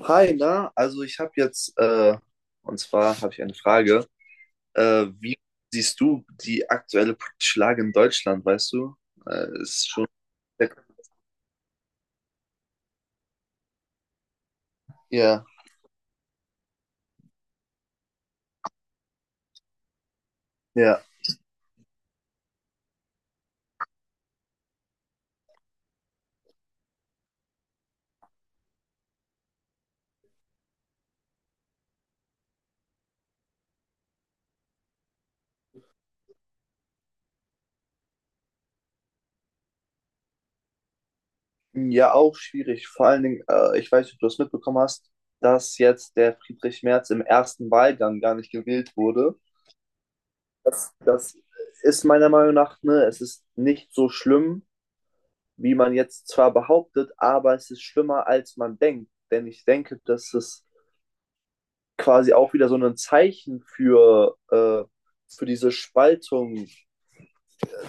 Hi, na, also ich habe jetzt, und zwar habe ich eine Frage. Wie siehst du die aktuelle politische Lage in Deutschland, weißt du? Ist schon, ja, ja, ja, auch schwierig. Vor allen Dingen, ich weiß nicht, ob du das mitbekommen hast, dass jetzt der Friedrich Merz im ersten Wahlgang gar nicht gewählt wurde. Das ist meiner Meinung nach, ne, es ist nicht so schlimm, wie man jetzt zwar behauptet, aber es ist schlimmer, als man denkt. Denn ich denke, dass es quasi auch wieder so ein Zeichen für diese Spaltung,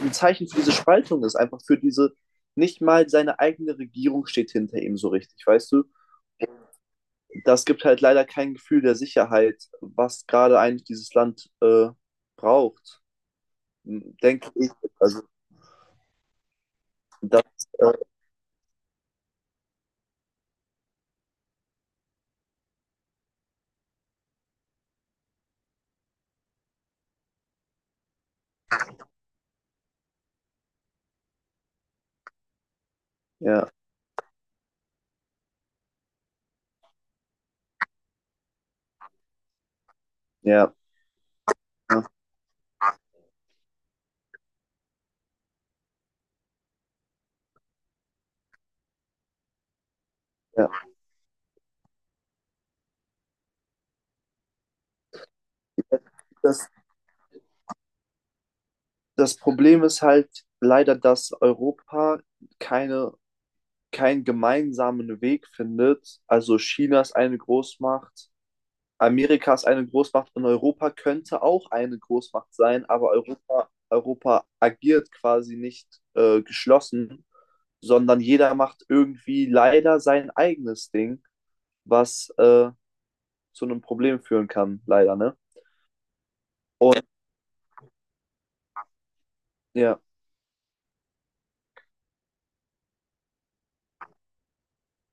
ein Zeichen für diese Spaltung ist, einfach für diese, nicht mal seine eigene Regierung steht hinter ihm so richtig, weißt du? Das gibt halt leider kein Gefühl der Sicherheit, was gerade eigentlich dieses Land braucht, denke ich. Also das, äh, ja, ja, ja. Ja. Das, das Problem ist halt leider, dass Europa keine keinen gemeinsamen Weg findet. Also China ist eine Großmacht, Amerika ist eine Großmacht und Europa könnte auch eine Großmacht sein, aber Europa agiert quasi nicht geschlossen, sondern jeder macht irgendwie leider sein eigenes Ding, was zu einem Problem führen kann, leider, ne? Und ja,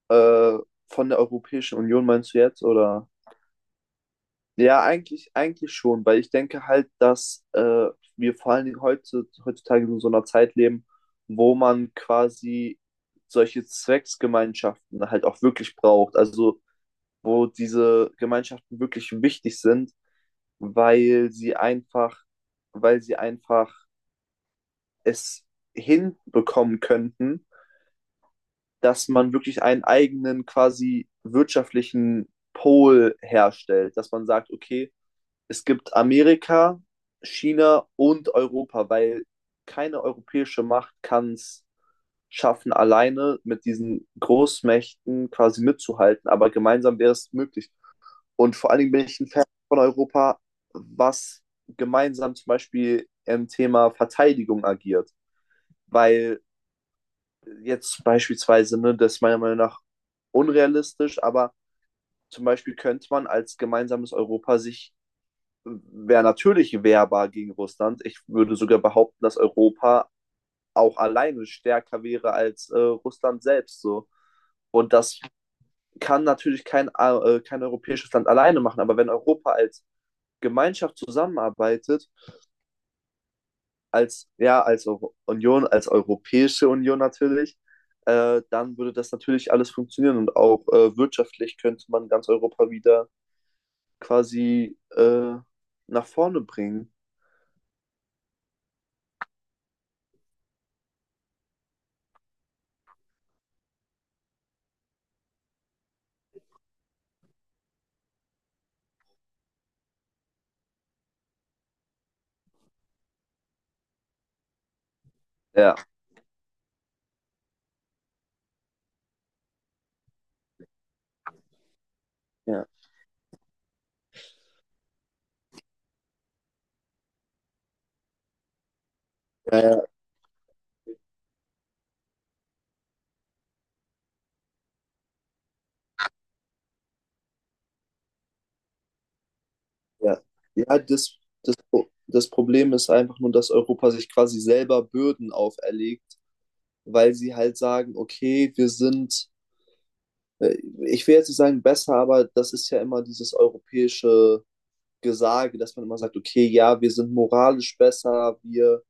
äh, von der Europäischen Union meinst du jetzt, oder? Ja, eigentlich schon, weil ich denke halt, dass wir vor allen Dingen heutzutage in so einer Zeit leben, wo man quasi solche Zwecksgemeinschaften halt auch wirklich braucht. Also wo diese Gemeinschaften wirklich wichtig sind, weil sie einfach, weil sie einfach es hinbekommen könnten, dass man wirklich einen eigenen quasi wirtschaftlichen Pol herstellt, dass man sagt, okay, es gibt Amerika, China und Europa, weil keine europäische Macht kann es schaffen, alleine mit diesen Großmächten quasi mitzuhalten, aber gemeinsam wäre es möglich. Und vor allen Dingen bin ich ein Fan von Europa, was gemeinsam zum Beispiel im Thema Verteidigung agiert, weil jetzt beispielsweise, ne, das ist meiner Meinung nach unrealistisch, aber zum Beispiel könnte man als gemeinsames Europa sich wäre natürlich wehrbar gegen Russland. Ich würde sogar behaupten, dass Europa auch alleine stärker wäre als Russland selbst so. Und das kann natürlich kein, kein europäisches Land alleine machen, aber wenn Europa als Gemeinschaft zusammenarbeitet, als, ja, als Euro Union, als Europäische Union natürlich, dann würde das natürlich alles funktionieren und auch wirtschaftlich könnte man ganz Europa wieder quasi nach vorne bringen. Ja, ja, ja, ja, ja das, Pro- das Problem ist einfach nur, dass Europa sich quasi selber Bürden auferlegt, weil sie halt sagen, okay, wir sind, äh, ich will jetzt nicht sagen besser, aber das ist ja immer dieses europäische Gesage, dass man immer sagt, okay, ja, wir sind moralisch besser, wir,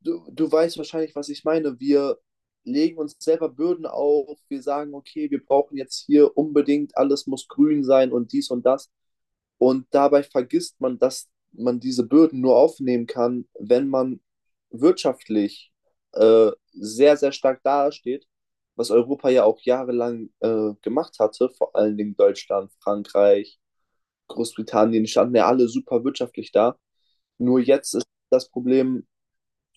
du weißt wahrscheinlich, was ich meine, wir legen uns selber Bürden auf, wir sagen, okay, wir brauchen jetzt hier unbedingt, alles muss grün sein und dies und das. Und dabei vergisst man, dass man diese Bürden nur aufnehmen kann, wenn man wirtschaftlich sehr, sehr stark dasteht, was Europa ja auch jahrelang gemacht hatte, vor allen Dingen Deutschland, Frankreich, Großbritannien, die standen ja alle super wirtschaftlich da. Nur jetzt ist das Problem,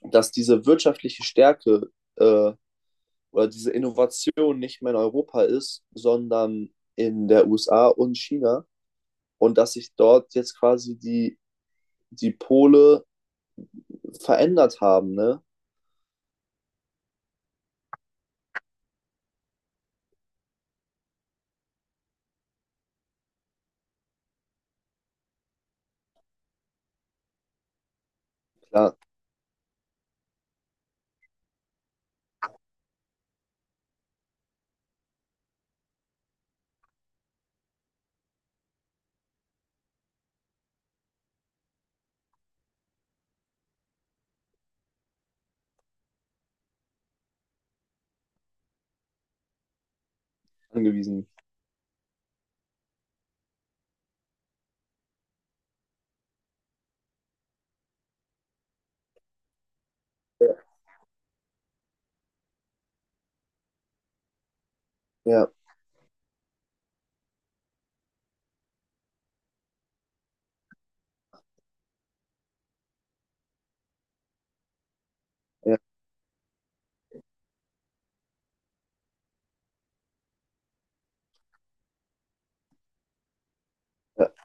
dass diese wirtschaftliche Stärke äh, oder diese Innovation nicht mehr in Europa ist, sondern in der USA und China und dass sich dort jetzt quasi die Pole verändert haben, ne? Klar, angewiesen. Ja, ja, ja,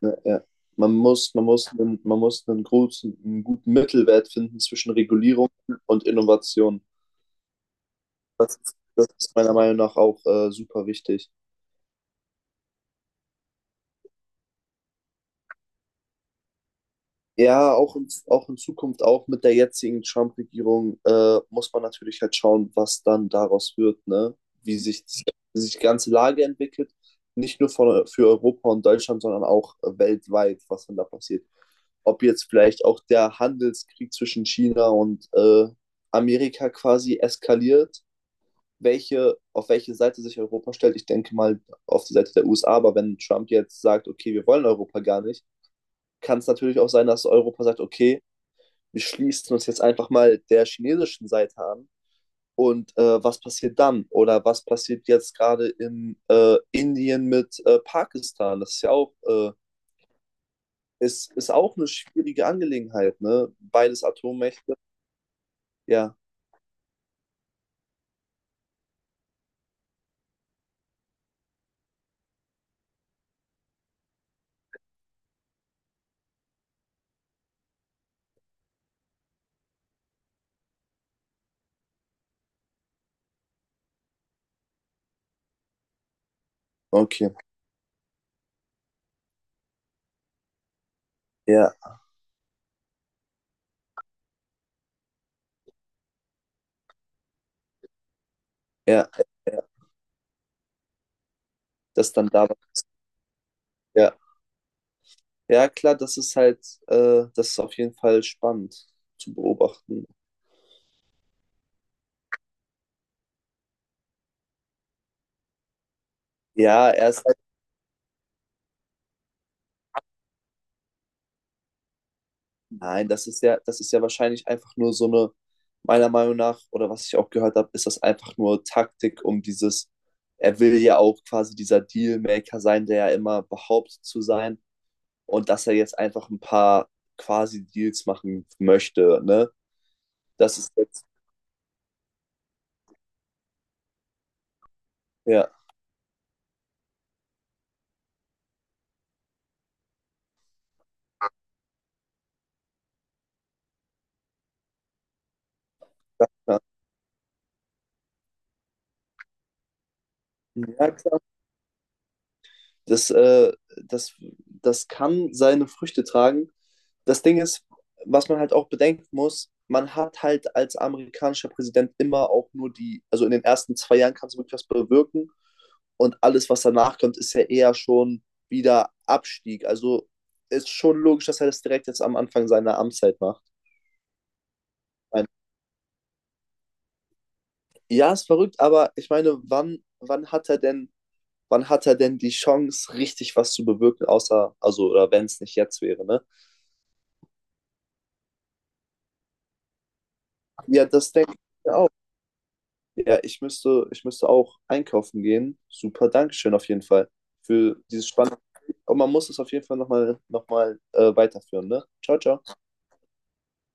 ja, ja. Man muss einen guten Mittelwert finden zwischen Regulierung und Innovation. Das ist meiner Meinung nach auch super wichtig. Ja, auch in Zukunft, auch mit der jetzigen Trump-Regierung, muss man natürlich halt schauen, was dann daraus wird, ne? Wie sich, wie sich die ganze Lage entwickelt. Nicht nur für Europa und Deutschland, sondern auch weltweit, was dann da passiert. Ob jetzt vielleicht auch der Handelskrieg zwischen China und Amerika quasi eskaliert, auf welche Seite sich Europa stellt. Ich denke mal auf die Seite der USA, aber wenn Trump jetzt sagt, okay, wir wollen Europa gar nicht, kann es natürlich auch sein, dass Europa sagt, okay, wir schließen uns jetzt einfach mal der chinesischen Seite an. Und was passiert dann? Oder was passiert jetzt gerade in Indien mit Pakistan? Das ist ja auch, ist auch eine schwierige Angelegenheit, ne? Beides Atommächte. Ja, okay. Ja, ja, ja. Das dann da. Ja. Ja, klar, das ist halt, das ist auf jeden Fall spannend zu beobachten. Ja, er ist Nein, das ist ja wahrscheinlich einfach nur so eine, meiner Meinung nach, oder was ich auch gehört habe, ist das einfach nur Taktik, um dieses, er will ja auch quasi dieser Dealmaker sein, der ja immer behauptet zu sein und dass er jetzt einfach ein paar quasi Deals machen möchte, ne? Das ist jetzt, ja, ja, klar. Das, äh, das, das kann seine Früchte tragen. Das Ding ist, was man halt auch bedenken muss, man hat halt als amerikanischer Präsident immer auch nur die, also in den ersten 2 Jahren kannst du wirklich was bewirken und alles, was danach kommt, ist ja eher schon wieder Abstieg. Also ist schon logisch, dass er das direkt jetzt am Anfang seiner Amtszeit macht. Ein- Ja, ist verrückt, aber ich meine, wann hat er denn, wann hat er denn die Chance, richtig was zu bewirken, außer, also, oder wenn es nicht jetzt wäre, ne? Ja, das denke ich mir auch. Ja, ich müsste auch einkaufen gehen. Super, Dankeschön auf jeden Fall für dieses spannende. Und man muss es auf jeden Fall noch mal, weiterführen, ne? Ciao, ciao.